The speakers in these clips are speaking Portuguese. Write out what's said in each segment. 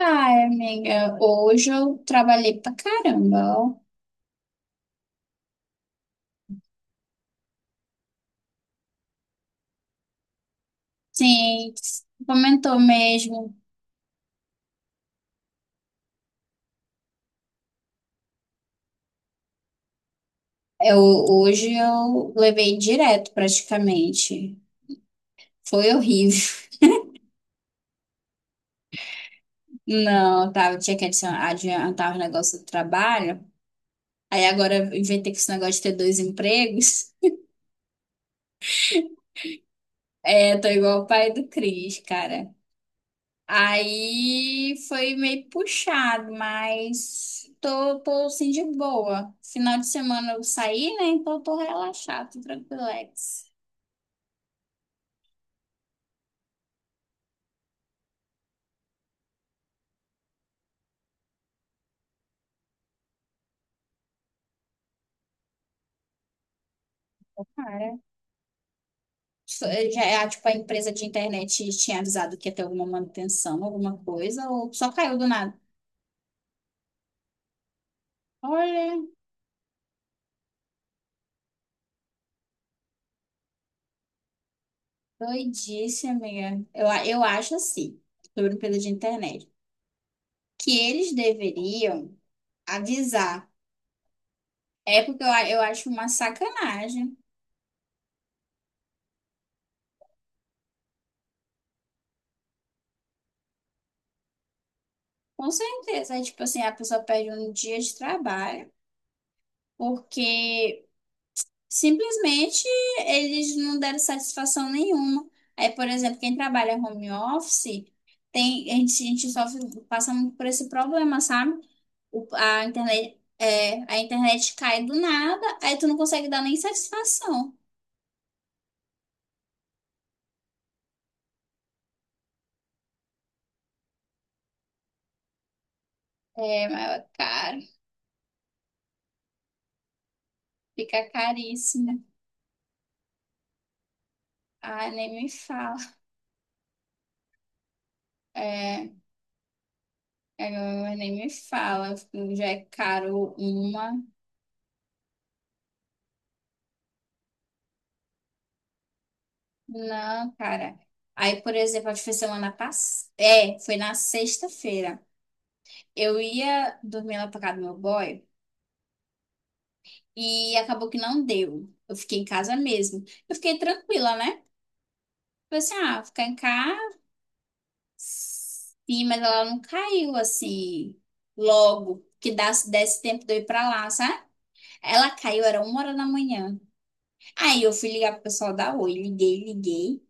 Ai, amiga, hoje eu trabalhei pra caramba, ó. Sim, comentou mesmo. Eu, hoje eu levei direto praticamente. Foi horrível. Não, tinha que adiantar os negócios do trabalho. Aí agora eu inventei que esse negócio de ter dois empregos. É, tô igual o pai do Cris, cara. Aí foi meio puxado, mas tô assim de boa. Final de semana eu saí, né? Então tô relaxada, tô tranquilex. Cara, tipo, a empresa de internet tinha avisado que ia ter alguma manutenção, alguma coisa, ou só caiu do nada. Olha, doidice, amiga. Eu acho assim, sobre a empresa de internet, que eles deveriam avisar. É porque eu acho uma sacanagem. Com certeza, aí, tipo assim, a pessoa perde um dia de trabalho porque simplesmente eles não deram satisfação nenhuma. Aí, por exemplo, quem trabalha home office, tem, a gente sofre, passa muito por esse problema, sabe? A internet cai do nada, aí tu não consegue dar nem satisfação. É, mas é caro, fica caríssimo. Ai, nem me fala. É, é, nem me fala, já é caro uma. Não, cara. Aí, por exemplo, acho que foi semana passada. É, foi na sexta-feira. Eu ia dormir lá pra casa do meu boy e acabou que não deu. Eu fiquei em casa mesmo. Eu fiquei tranquila, né? Falei assim, ah, ficar em casa. Sim, mas ela não caiu assim logo. Que desse tempo de eu ir pra lá, sabe? Ela caiu, era 1 hora da manhã. Aí eu fui ligar pro pessoal da Oi, liguei, liguei.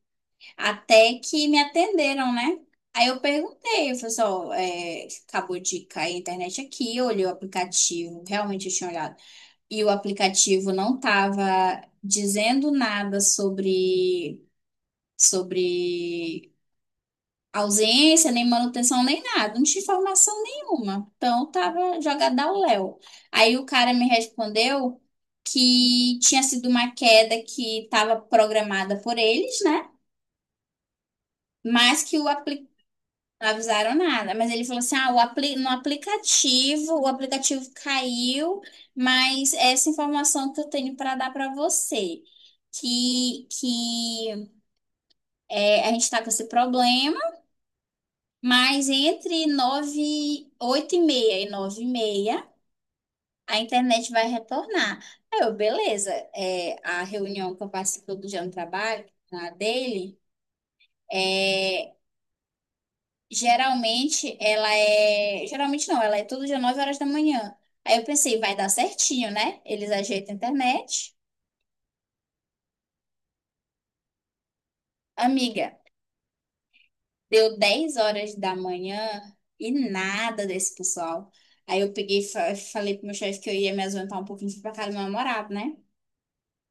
Até que me atenderam, né? Aí eu perguntei, eu falei só, acabou de cair a internet aqui, eu olhei o aplicativo, realmente eu tinha olhado. E o aplicativo não estava dizendo nada sobre ausência, nem manutenção, nem nada, não tinha informação nenhuma. Então tava jogada ao léu. Aí o cara me respondeu que tinha sido uma queda que estava programada por eles, né? Mas que o aplicativo. Não avisaram nada, mas ele falou assim: ah, o apli no aplicativo, o aplicativo caiu, mas essa informação que eu tenho para dar para você, que é, a gente está com esse problema, mas entre 9 8 e meia e 9 e meia, a internet vai retornar. Aí eu, beleza, a reunião que eu participei do dia no trabalho, na dele. é, Geralmente ela é. Geralmente não, ela é todo dia 9 horas da manhã. Aí eu pensei, vai dar certinho, né? Eles ajeitam a internet. Amiga, deu 10 horas da manhã e nada desse pessoal. Aí eu peguei e falei pro meu chefe que eu ia me ausentar um pouquinho, fui pra casa do meu namorado, né?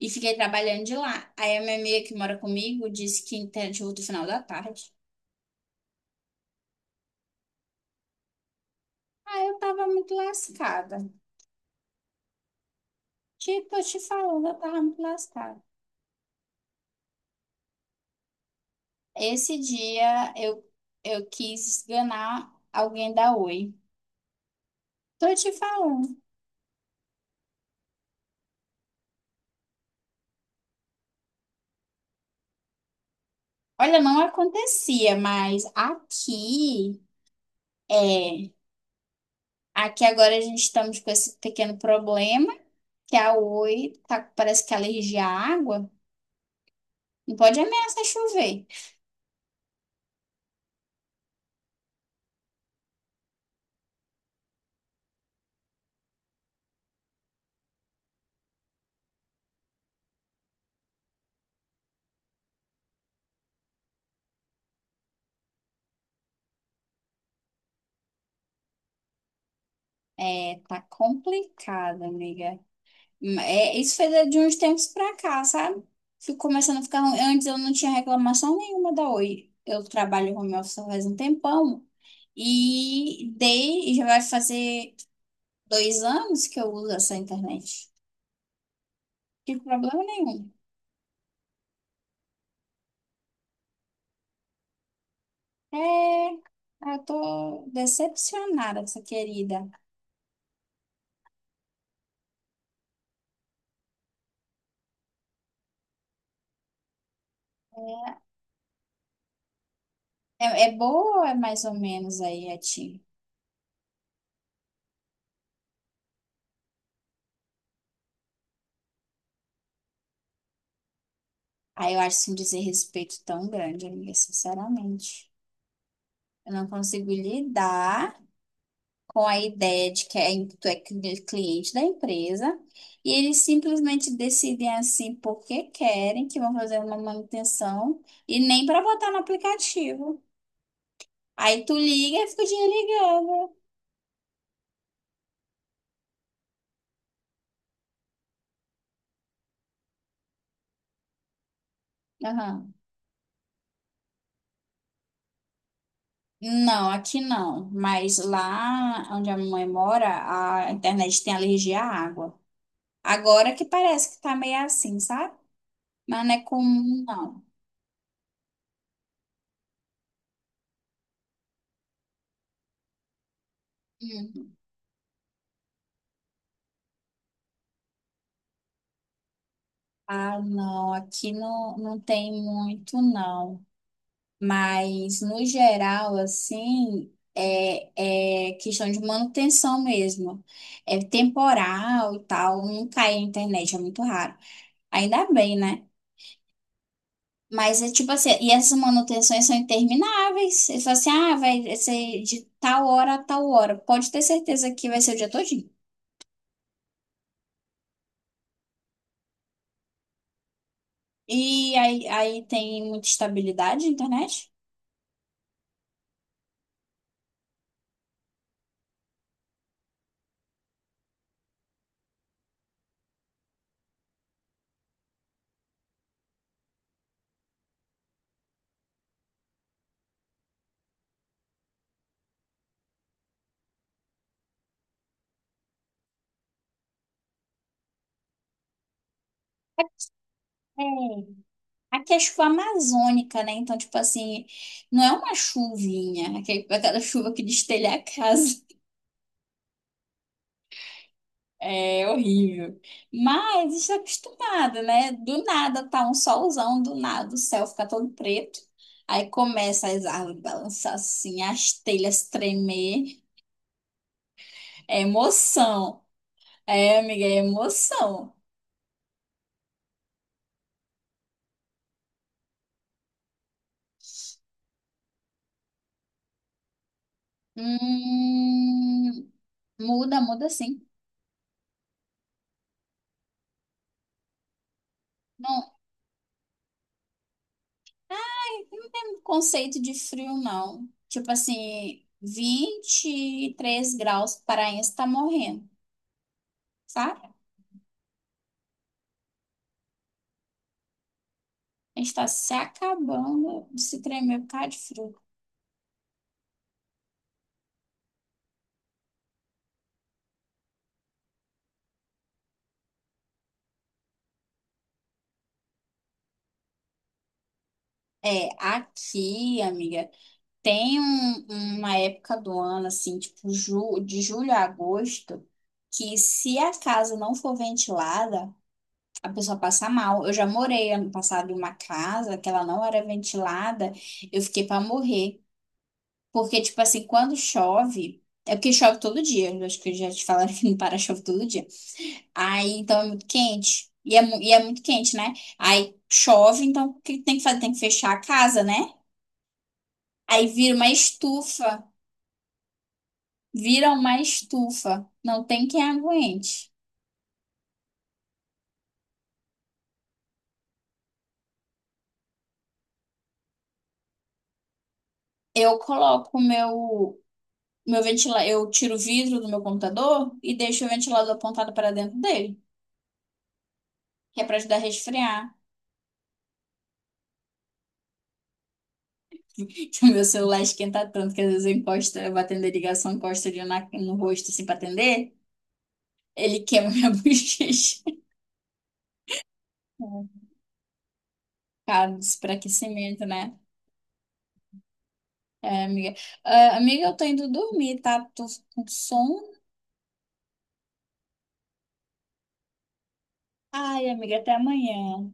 E fiquei trabalhando de lá. Aí a minha amiga que mora comigo disse que a internet volta no final da tarde. Aí eu tava muito lascada. Tipo, eu te falando, eu tava muito lascada. Esse dia eu quis esganar alguém da Oi. Tô te falando. Olha, não acontecia, mas aqui é. Aqui agora a gente estamos com esse pequeno problema, que a Oi tá, parece que é alergia à água. Não pode ameaçar chover. É, tá complicado, amiga. É, isso foi de uns tempos pra cá, sabe? Fico começando a ficar ruim. Antes eu não tinha reclamação nenhuma da Oi. Eu trabalho home office faz um tempão. E já vai fazer 2 anos que eu uso essa internet. Não tive problema nenhum. É, eu tô decepcionada com essa querida. É, é boa ou é mais ou menos aí a ti? Aí eu acho assim, um desrespeito tão grande, amiga, sinceramente. Eu não consigo lidar com a ideia de que tu é cliente da empresa e eles simplesmente decidem assim porque querem que vão fazer uma manutenção e nem para botar no aplicativo. Aí tu liga e fica o dia ligado. Aham. Não, aqui não. Mas lá onde a mamãe mora, a internet tem alergia à água. Agora que parece que tá meio assim, sabe? Mas não é comum, não. Uhum. Ah, não, aqui não, não tem muito, não. Mas, no geral, assim, é questão de manutenção mesmo. É temporal e tal, não cai a internet, é muito raro. Ainda bem, né? Mas é tipo assim, e essas manutenções são intermináveis. Eles falam assim, ah, vai ser de tal hora a tal hora. Pode ter certeza que vai ser o dia todinho. E aí, tem muita estabilidade na internet? É. Aqui é chuva amazônica, né? Então, tipo assim, não é uma chuvinha, aquela chuva que destelha a casa. É horrível. Mas está acostumada, né? Do nada tá um solzão, do nada o céu fica todo preto. Aí começa as árvores balançar assim, as telhas tremer. É emoção. É, amiga, é emoção. Hum, Muda, muda sim. não Não tem um conceito de frio, não. Tipo assim, 23 graus, paraense tá morrendo, sabe? A gente tá se acabando de se tremer por causa de frio. É, aqui, amiga, tem uma época do ano, assim, tipo ju de julho a agosto, que se a casa não for ventilada, a pessoa passa mal. Eu já morei ano passado em uma casa que ela não era ventilada, eu fiquei pra morrer. Porque, tipo assim, quando chove. É porque chove todo dia. Eu acho que já te falaram que não para chove todo dia. Aí, então, é muito quente. E é muito quente, né? Aí chove, então o que tem que fazer? Tem que fechar a casa, né? Aí vira uma estufa. Vira uma estufa. Não tem quem aguente. Eu coloco o meu ventilador. Eu tiro o vidro do meu computador e deixo o ventilador apontado para dentro dele, que é para ajudar a resfriar. Então, meu celular esquenta tanto que às vezes eu encosto, eu vou atender ligação, encosto ele no rosto assim pra atender. Ele queima minha bochecha. Cara, enfraquecimento, né? É, amiga. Ah, amiga, eu tô indo dormir, tá? Tô com sono. Ai, amiga, até amanhã.